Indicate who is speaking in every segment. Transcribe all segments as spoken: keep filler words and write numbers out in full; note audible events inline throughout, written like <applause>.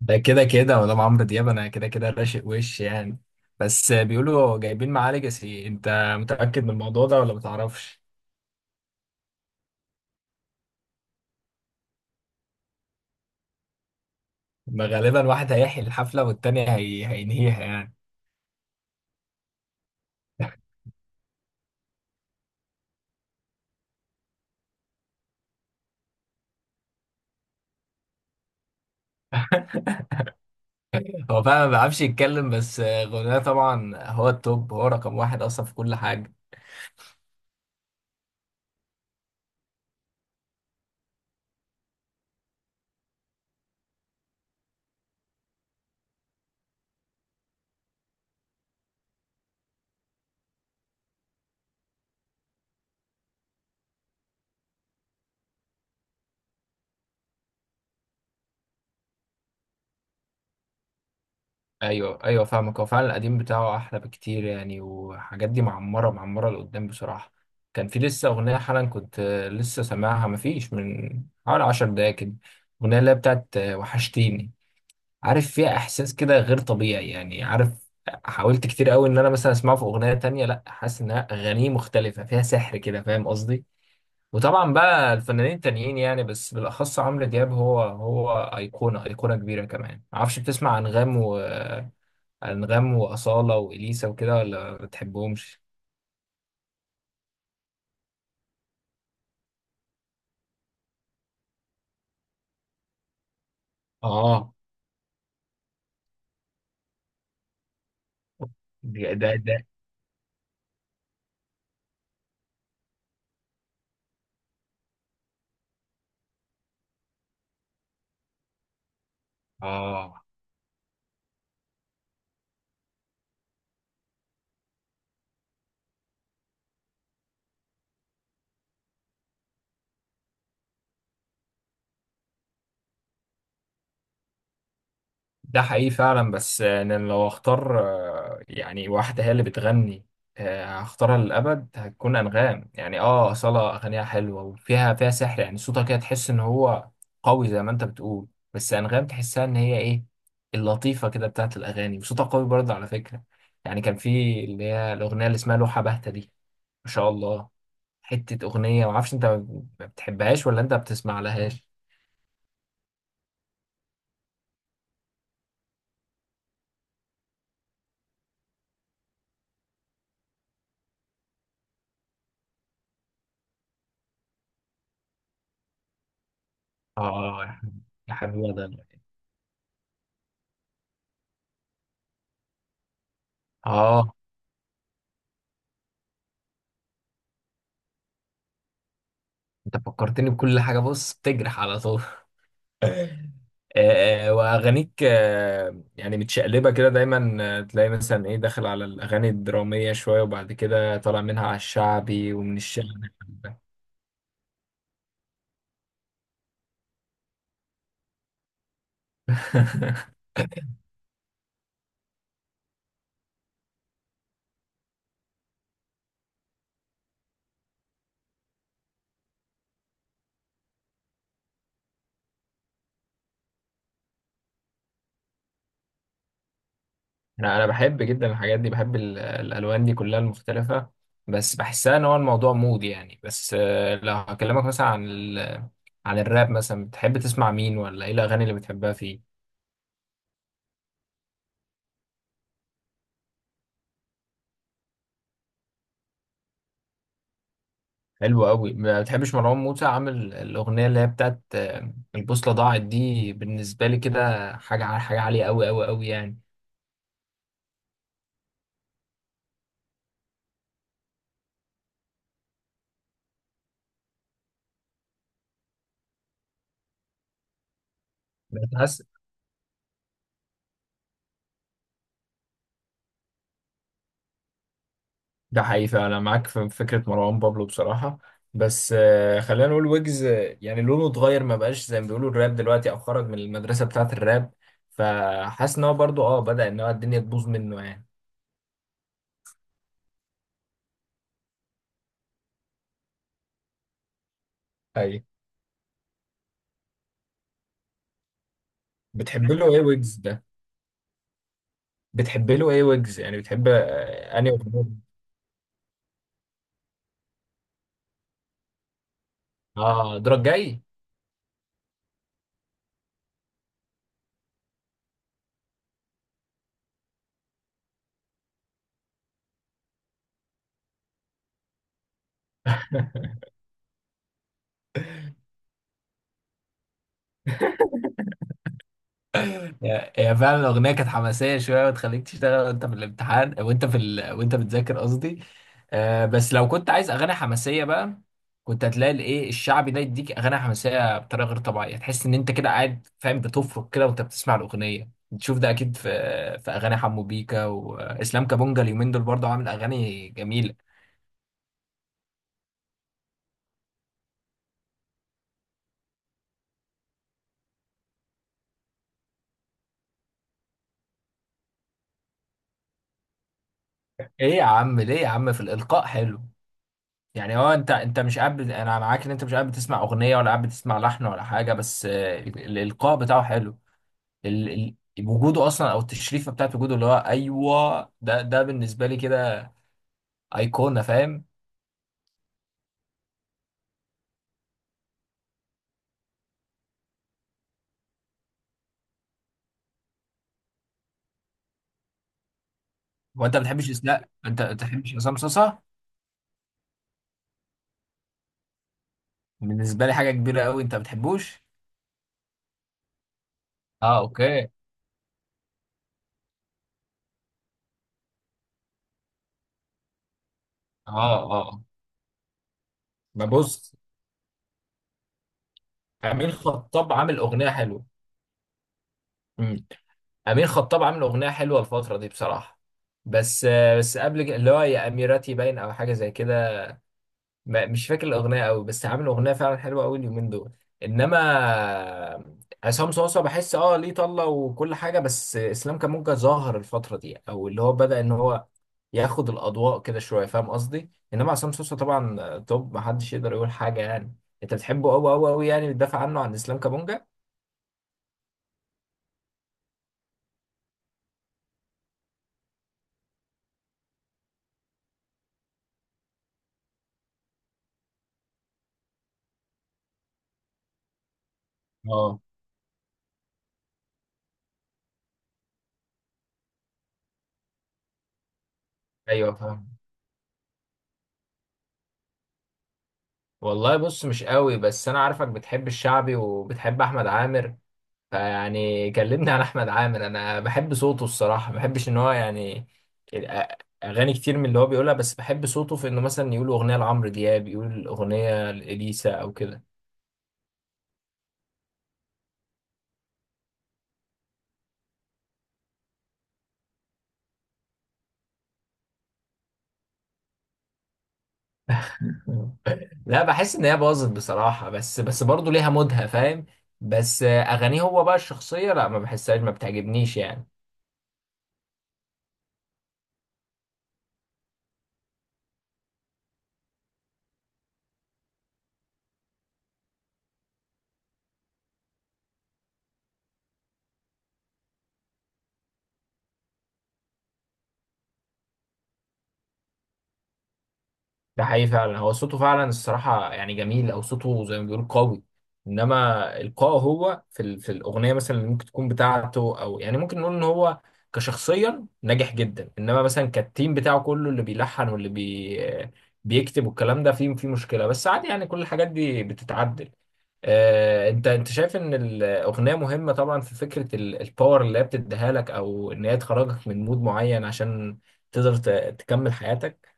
Speaker 1: ده كده كده مدام عمرو دياب، انا كده كده راشق، وش يعني؟ بس بيقولوا جايبين معاه ليجاسي. انت متأكد من الموضوع ده ولا متعرفش؟ ما غالبا واحد هيحيي الحفلة والتاني هي... هينهيها يعني. هو فعلا ما بيعرفش يتكلم، بس غناه طبعا هو التوب، هو رقم واحد اصلا في كل حاجة. ايوه، ايوه، فاهمك. هو فعلا القديم بتاعه احلى بكتير يعني، وحاجات دي معمرة معمرة لقدام بصراحة. كان في لسه أغنية حالا كنت لسه سامعها، مفيش من حوالي عشر دقايق كده. الأغنية اللي هي بتاعت وحشتيني. عارف، فيها احساس كده غير طبيعي يعني، عارف. حاولت كتير قوي ان انا مثلا اسمعه في اغنيه تانية، لا حاسس انها اغانيه مختلفه فيها سحر كده، فاهم قصدي. وطبعا بقى الفنانين التانيين يعني، بس بالاخص عمرو دياب هو هو ايقونه ايقونه كبيره كمان. معرفش، بتسمع انغام وانغام واصاله واليسا وكده، ولا ما بتحبهمش؟ اه، ده ده ده، اه. ده حقيقي فعلا، بس انا لو اختار آه، يعني واحده هي اللي بتغني، آه، هختارها للابد هتكون انغام يعني. اه، اصاله اغانيها حلوه، وفيها فيها سحر يعني، صوتها كده تحس ان هو قوي زي ما انت بتقول. بس انغام تحسها ان هي ايه، اللطيفه كده بتاعت الاغاني، وصوتها قوي برضه على فكره. يعني كان في اللي هي الاغنيه اللي اسمها لوحه باهته دي، ما شاء الله، حته اغنيه. ما اعرفش، انت ما بتحبهاش ولا انت بتسمع لهاش؟ اه يا حبيبي، يا حبيبي ده، اه. انت فكرتني بكل حاجة، بص تجرح على طول. <laughs> آه، واغانيك آه، يعني متشقلبه كده دايما، آه، تلاقي مثلا ايه داخل على الاغاني الدراميه شويه، وبعد كده طالع منها على الشعبي ومن الشعبي. <laughs> انا انا بحب جدا الحاجات دي، بحب ال- الالوان دي كلها المختلفه. بس بحسها ان هو الموضوع مود يعني، بس آه، لو هكلمك مثلا عن ال... عن الراب مثلا، بتحب تسمع مين؟ ولا ايه الاغاني اللي بتحبها فيه؟ حلو قوي، ما بتحبش مروان موسى؟ عامل الاغنيه اللي هي بتاعت آه، البوصله ضاعت، دي بالنسبه لي كده حاجه ع- حاجه عاليه قوي قوي قوي يعني. بتحس. ده حقيقي فعلا، معاك في فكره مروان بابلو بصراحه. بس آه، خلينا نقول ويجز، آه، يعني لونه اتغير، ما بقاش زي ما بيقولوا الراب دلوقتي، او خرج من المدرسه بتاعت الراب. فحاسس ان هو برضو اه بدأ ان هو الدنيا تبوظ منه يعني. ايوه. بتحب له ايه ويجز ده؟ بتحب له ايه ويجز، يعني بتحب آه، انهي اغنيه؟ اه، دورك جاي. <laughs> هي هي فعلا الأغنية كانت حماسية شوية وتخليك تشتغل وأنت في الامتحان وأنت في ال... وأنت بتذاكر قصدي. آه بس لو كنت عايز أغاني حماسية بقى، كنت هتلاقي الإيه، الشعبي ده يديك أغاني حماسية بطريقة غير طبيعية، تحس إن أنت كده قاعد فاهم بتفرك كده وأنت بتسمع الأغنية. تشوف ده أكيد، في في أغاني حمو بيكا وإسلام كابونجا، اليومين دول برضه عامل أغاني جميلة. إيه يا عم؟ ليه يا عم؟ في الإلقاء حلو يعني. هو انت انت مش قاعد بت- انا معاك ان انت مش قاعد بتسمع اغنيه ولا قاعد بتسمع لحن ولا حاجه، بس آه، ال- الالقاء بتاعه حلو. ال... ال... وجوده اصلا او التشريفه بتاعت وجوده، اللي هو ايوه، ده ده بالنسبه لي كده ايقونه، فاهم. وانت ما بتحبش اس- لا انت ما بتحبش عصام صاصا؟ بالنسبه لي حاجه كبيره قوي، انت ما بتحبوش؟ اه، اوكي، اه. اه، آه. ما بص، امين خطاب عامل اغنيه حلوه. امم. امين خطاب عامل اغنيه حلوه الفتره دي بصراحه. بس آه، بس قبل كده- اللي هو يا اميرتي باين، او حاجه زي كده. ما- مش فاكر الاغنيه قوي، بس عامل اغنيه فعلا حلوه قوي اليومين دول. انما عصام صوصه بحس اه ليه طله وكل حاجه، بس اسلام كامونجا ظاهر الفتره دي، او اللي هو بدا ان هو ياخد الاضواء كده شويه، فاهم قصدي. انما عصام صوصه طبعا توب، محدش يقدر يقول حاجه يعني. انت بتحبه قوي قوي قوي يعني، بتدافع عنه، عن اسلام كامونجا. اه، ايوه، فاهم. والله بص، مش قوي، بس انا عارفك بتحب الشعبي وبتحب احمد عامر. فيعني كلمني عن احمد عامر، انا بحب صوته الصراحه، ما بحبش ان هو يعني الأ- اغاني كتير من اللي هو بيقولها، بس بحب صوته في انه مثلا يقول اغنيه لعمرو دياب، يقول اغنيه لاليسا او كده. <laughs> لا، بحس ان هي باظت بصراحه، بس بس برضه ليها مودها، فاهم. بس اغانيه هو بقى الشخصيه، لا ما بحسهاش، ما بتعجبنيش يعني. ده حقيقي فعلا، هو صوته فعلا الصراحة يعني جميل، أو صوته زي ما بيقول قوي. إنما إلقائه هو في ال... في الأغنية مثلا اللي ممكن تكون بتاعته، أو يعني ممكن نقول إن هو كشخصيا ناجح جدا. إنما مثلا كالتيم بتاعه كله اللي بيلحن واللي بي... بيكتب والكلام ده فيه فيه مشكلة، بس عادي يعني، كل الحاجات دي بتتعدل. آه، انت انت شايف ان الاغنيه مهمه طبعا في فكره ال- الباور اللي هي بتديها لك، او ان هي تخرجك من مود معين عشان تقدر ت- تكمل حياتك.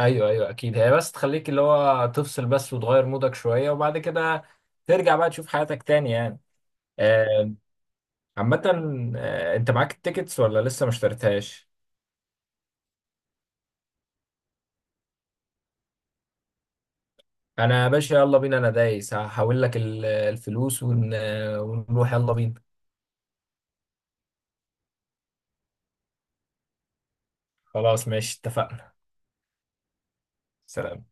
Speaker 1: ايوه، ايوه، اكيد، هي بس تخليك اللي هو تفصل بس، وتغير مودك شويه، وبعد كده ترجع بقى تشوف حياتك تاني يعني. آه، عامه، آه، انت معاك التيكتس ولا لسه ما اشتريتهاش؟ انا يا باشا، يلا بينا، انا دايس هحول لك ال- الفلوس ون... ونروح، يلا بينا. خلاص، ماشي، اتفقنا، سلام.